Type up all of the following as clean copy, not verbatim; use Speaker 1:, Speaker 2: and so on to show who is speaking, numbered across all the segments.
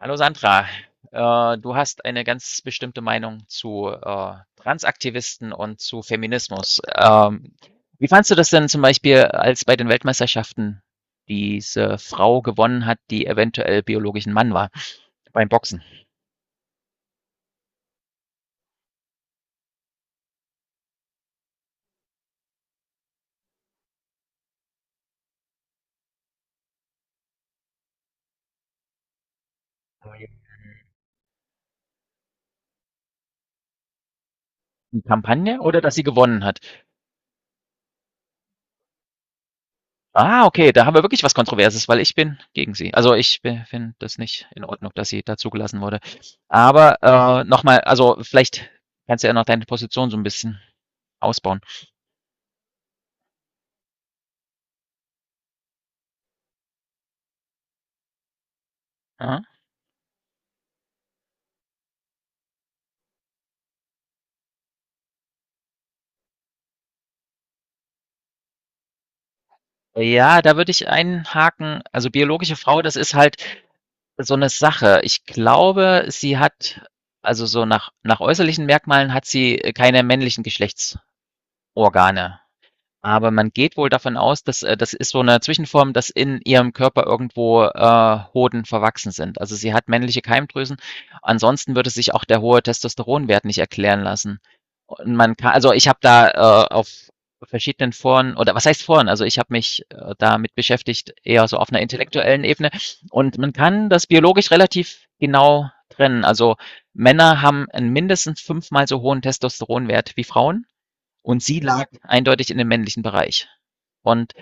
Speaker 1: Hallo Sandra, du hast eine ganz bestimmte Meinung zu Transaktivisten und zu Feminismus. Wie fandst du das denn zum Beispiel, als bei den Weltmeisterschaften diese Frau gewonnen hat, die eventuell biologisch ein Mann war beim Boxen? Die Kampagne oder dass sie gewonnen hat? Ah, okay, da haben wir wirklich was Kontroverses, weil ich bin gegen sie. Also ich finde das nicht in Ordnung, dass sie da zugelassen wurde. Aber nochmal, also vielleicht kannst du ja noch deine Position so ein bisschen ausbauen. Aha. Ja, da würde ich einhaken. Also, biologische Frau, das ist halt so eine Sache. Ich glaube, sie hat also, so nach äußerlichen Merkmalen hat sie keine männlichen Geschlechtsorgane. Aber man geht wohl davon aus, dass das ist so eine Zwischenform, dass in ihrem Körper irgendwo, Hoden verwachsen sind. Also, sie hat männliche Keimdrüsen. Ansonsten würde sich auch der hohe Testosteronwert nicht erklären lassen. Und man ka also, ich habe da, auf verschiedenen Foren oder was heißt Foren? Also, ich habe mich, damit beschäftigt, eher so auf einer intellektuellen Ebene. Und man kann das biologisch relativ genau trennen. Also, Männer haben 'n mindestens fünfmal so hohen Testosteronwert wie Frauen. Und sie lag eindeutig in dem männlichen Bereich. Und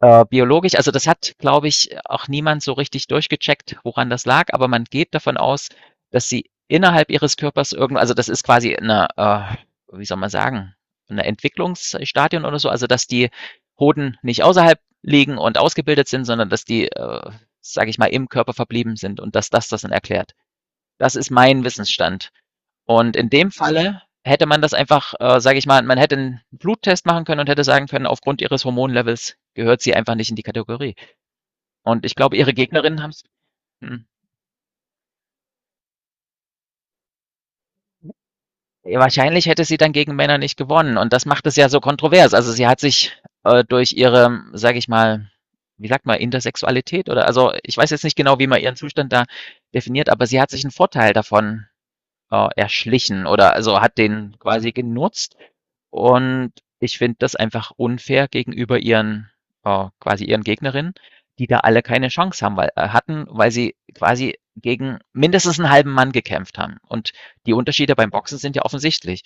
Speaker 1: biologisch, also das hat, glaube ich, auch niemand so richtig durchgecheckt, woran das lag, aber man geht davon aus, dass sie innerhalb ihres Körpers irgendwo, also das ist quasi eine, wie soll man sagen, eine Entwicklungsstadion oder so, also dass die Hoden nicht außerhalb liegen und ausgebildet sind, sondern dass die, sage ich mal, im Körper verblieben sind und dass das dann erklärt. Das ist mein Wissensstand. Und in dem Falle hätte man das einfach, sage ich mal, man hätte einen Bluttest machen können und hätte sagen können, aufgrund ihres Hormonlevels gehört sie einfach nicht in die Kategorie. Und ich glaube, ihre Gegnerinnen haben es. Wahrscheinlich hätte sie dann gegen Männer nicht gewonnen. Und das macht es ja so kontrovers. Also sie hat sich durch ihre, sage ich mal, wie sagt man, Intersexualität oder also ich weiß jetzt nicht genau, wie man ihren Zustand da definiert, aber sie hat sich einen Vorteil davon erschlichen oder also hat den quasi genutzt. Und ich finde das einfach unfair gegenüber ihren quasi ihren Gegnerinnen, die da alle keine Chance haben, weil sie quasi gegen mindestens einen halben Mann gekämpft haben. Und die Unterschiede beim Boxen sind ja offensichtlich.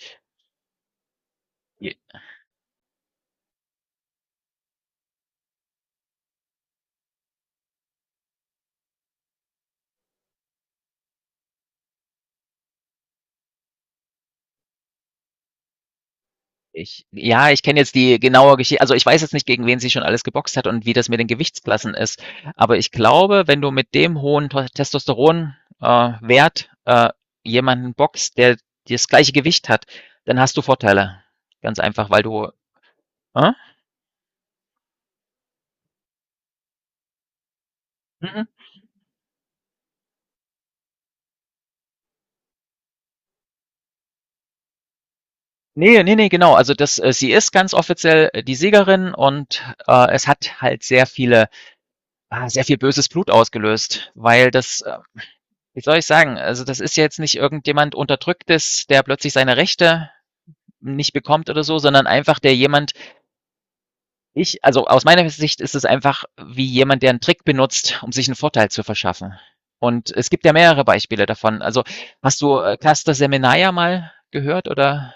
Speaker 1: Ich kenne jetzt die genaue Geschichte. Also, ich weiß jetzt nicht, gegen wen sie schon alles geboxt hat und wie das mit den Gewichtsklassen ist. Aber ich glaube, wenn du mit dem hohen Tos Testosteron äh, Wert, jemanden boxt, der das gleiche Gewicht hat, dann hast du Vorteile. Ganz einfach, weil du äh? Mhm. Ne, ne, ne, genau. Also, das sie ist ganz offiziell die Siegerin und, es hat halt sehr viele sehr viel böses Blut ausgelöst, wie soll ich sagen? Also, das ist ja jetzt nicht irgendjemand Unterdrücktes, der plötzlich seine Rechte nicht bekommt oder so, sondern einfach der jemand, also aus meiner Sicht ist es einfach wie jemand, der einen Trick benutzt, um sich einen Vorteil zu verschaffen. Und es gibt ja mehrere Beispiele davon. Also, hast du Cluster mal gehört oder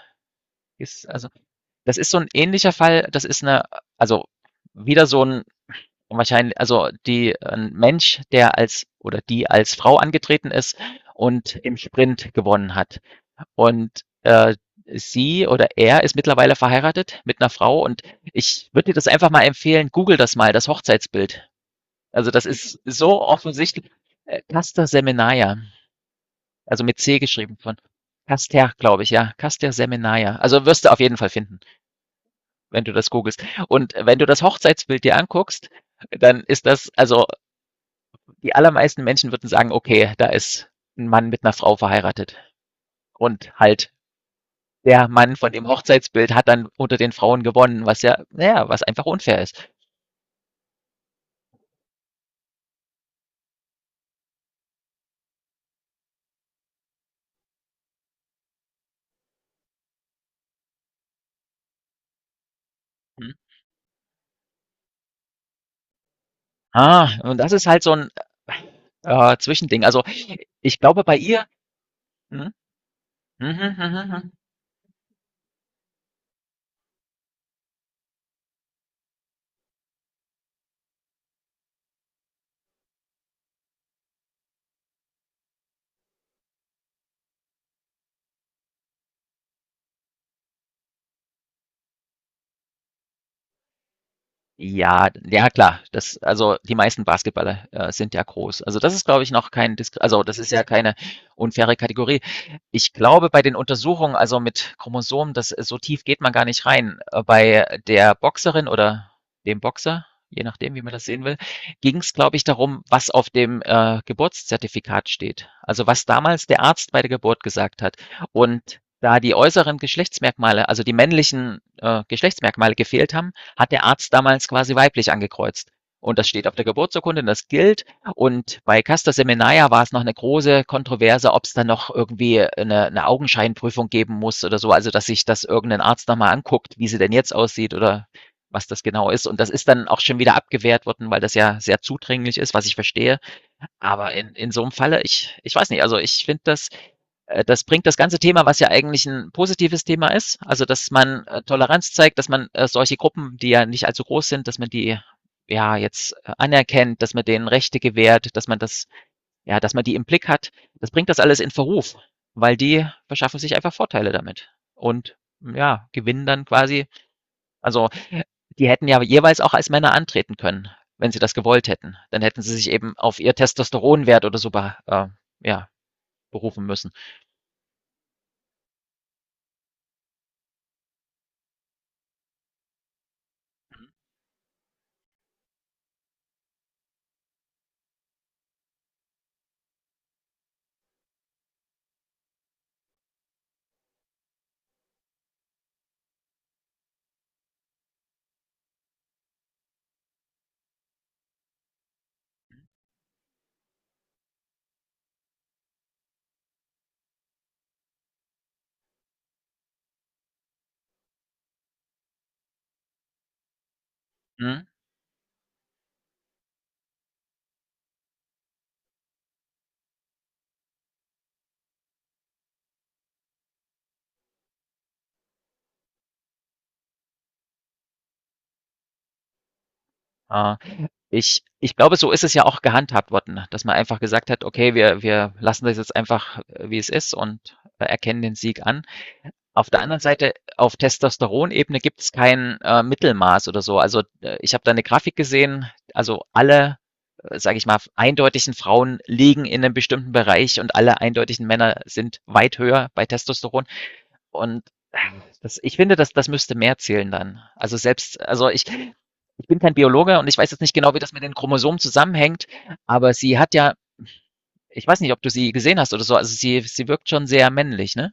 Speaker 1: ist, also, das ist so ein ähnlicher Fall. Das ist eine, also, wieder so ein wahrscheinlich, also die ein Mensch, der als oder die als Frau angetreten ist und im Sprint gewonnen hat. Und, sie oder er ist mittlerweile verheiratet mit einer Frau und ich würde dir das einfach mal empfehlen, google das mal, das Hochzeitsbild. Also, das ist so offensichtlich. Caster Semenya, also mit C geschrieben von Caster, glaube ich, ja. Caster Semenya. Also, wirst du auf jeden Fall finden, wenn du das googelst. Und wenn du das Hochzeitsbild dir anguckst, dann ist das also, die allermeisten Menschen würden sagen: „Okay, da ist ein Mann mit einer Frau verheiratet und halt der Mann von dem Hochzeitsbild hat dann unter den Frauen gewonnen, was ja naja, was einfach unfair ist. Mhm. Ah, und das ist halt so ein Zwischending. Also, ich glaube bei ihr hm, mhm. Mhm, mhm, mhm. Ja, ja klar. Das also, die meisten Basketballer, sind ja groß. Also, das ist, glaube ich, noch kein Disk also, das ist ja keine unfaire Kategorie. Ich glaube, bei den Untersuchungen, also, mit Chromosomen, das so tief geht man gar nicht rein. Bei der Boxerin oder dem Boxer, je nachdem, wie man das sehen will, ging es, glaube ich, darum, was auf dem, Geburtszertifikat steht. Also, was damals der Arzt bei der Geburt gesagt hat. Und da die äußeren Geschlechtsmerkmale, also, die männlichen, Geschlechtsmerkmale gefehlt haben, hat der Arzt damals quasi weiblich angekreuzt. Und das steht auf der Geburtsurkunde, und das gilt. Und bei Castor Seminaia war es noch eine große Kontroverse, ob es dann noch irgendwie eine Augenscheinprüfung geben muss oder so. Also, dass sich das irgendein Arzt nochmal anguckt, wie sie denn jetzt aussieht oder was das genau ist. Und das ist dann auch schon wieder abgewehrt worden, weil das ja sehr zudringlich ist, was ich verstehe. Aber in so einem Falle ich ich weiß nicht, also, ich finde das das bringt das ganze Thema, was ja eigentlich ein positives Thema ist, also, dass man, Toleranz zeigt, dass man, solche Gruppen, die ja nicht allzu groß sind, dass man die, ja, jetzt, anerkennt, dass man denen Rechte gewährt, dass man das ja, dass man die im Blick hat. Das bringt das alles in Verruf, weil die verschaffen sich einfach Vorteile damit und, ja, gewinnen dann quasi also die hätten ja jeweils auch als Männer antreten können, wenn sie das gewollt hätten. Dann hätten sie sich eben auf ihr Testosteronwert oder so be ja, berufen müssen. Mhm. Äh, ich, ich glaube, so ist es ja auch gehandhabt worden, dass man einfach gesagt hat, okay, wir lassen das jetzt einfach, wie es ist und erkennen den Sieg an. Auf der anderen Seite, auf Testosteronebene gibt es kein, Mittelmaß oder so. Also, ich habe da eine Grafik gesehen, also alle, sage ich mal, eindeutigen Frauen liegen in einem bestimmten Bereich und alle eindeutigen Männer sind weit höher bei Testosteron. Und äh, das ich finde, das müsste mehr zählen dann. Also selbst also ich ich bin kein Biologe und ich weiß jetzt nicht genau, wie das mit den Chromosomen zusammenhängt, aber sie hat ja ich weiß nicht, ob du sie gesehen hast oder so, also sie wirkt schon sehr männlich, ne?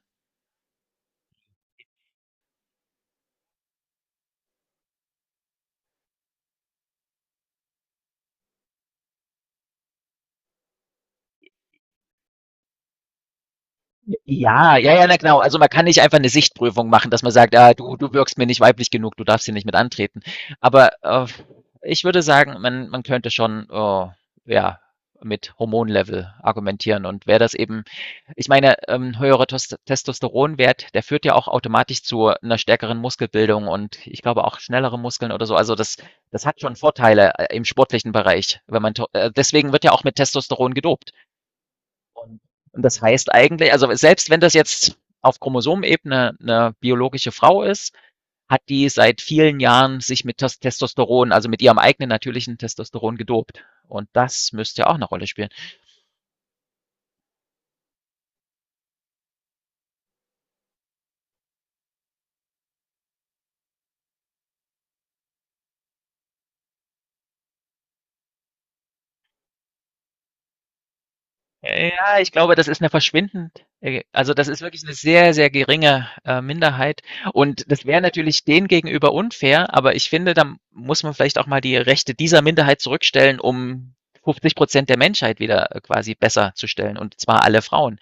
Speaker 1: Ja, ja, ja, na genau. Also man kann nicht einfach eine Sichtprüfung machen, dass man sagt, ah, du wirkst mir nicht weiblich genug, du darfst hier nicht mit antreten. Aber ich würde sagen, man könnte schon oh, ja, mit Hormonlevel argumentieren. Und wer das eben, ich meine, höherer Testosteronwert, der führt ja auch automatisch zu einer stärkeren Muskelbildung und ich glaube auch schnellere Muskeln oder so. Also das, das hat schon Vorteile im sportlichen Bereich, wenn man deswegen wird ja auch mit Testosteron gedopt. Und, und das heißt eigentlich, also selbst wenn das jetzt auf Chromosomenebene eine biologische Frau ist, hat die seit vielen Jahren sich mit Testosteron, also mit ihrem eigenen natürlichen Testosteron gedopt. Und das müsste ja auch eine Rolle spielen. Ja, ich glaube, das ist eine verschwindend, also das ist wirklich eine sehr, sehr geringe Minderheit. Und das wäre natürlich denen gegenüber unfair, aber ich finde, da muss man vielleicht auch mal die Rechte dieser Minderheit zurückstellen, um 50% der Menschheit wieder quasi besser zu stellen, und zwar alle Frauen,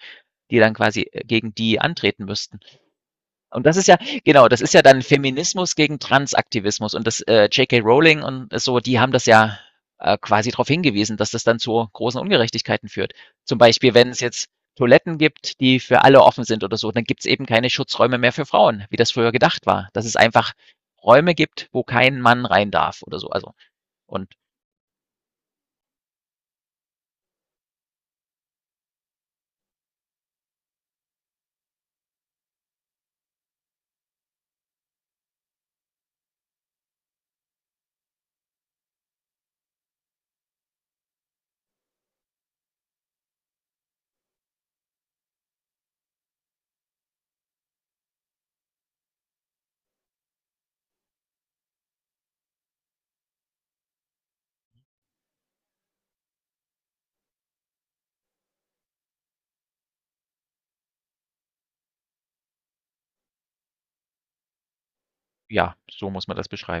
Speaker 1: die dann quasi gegen die antreten müssten. Und das ist ja, genau, das ist ja dann Feminismus gegen Transaktivismus. Und das J.K. Rowling und so, die haben das ja quasi darauf hingewiesen, dass das dann zu großen Ungerechtigkeiten führt. Zum Beispiel, wenn es jetzt Toiletten gibt, die für alle offen sind oder so, dann gibt es eben keine Schutzräume mehr für Frauen, wie das früher gedacht war. Dass es einfach Räume gibt, wo kein Mann rein darf oder so. Also, und ja, so muss man das beschreiben.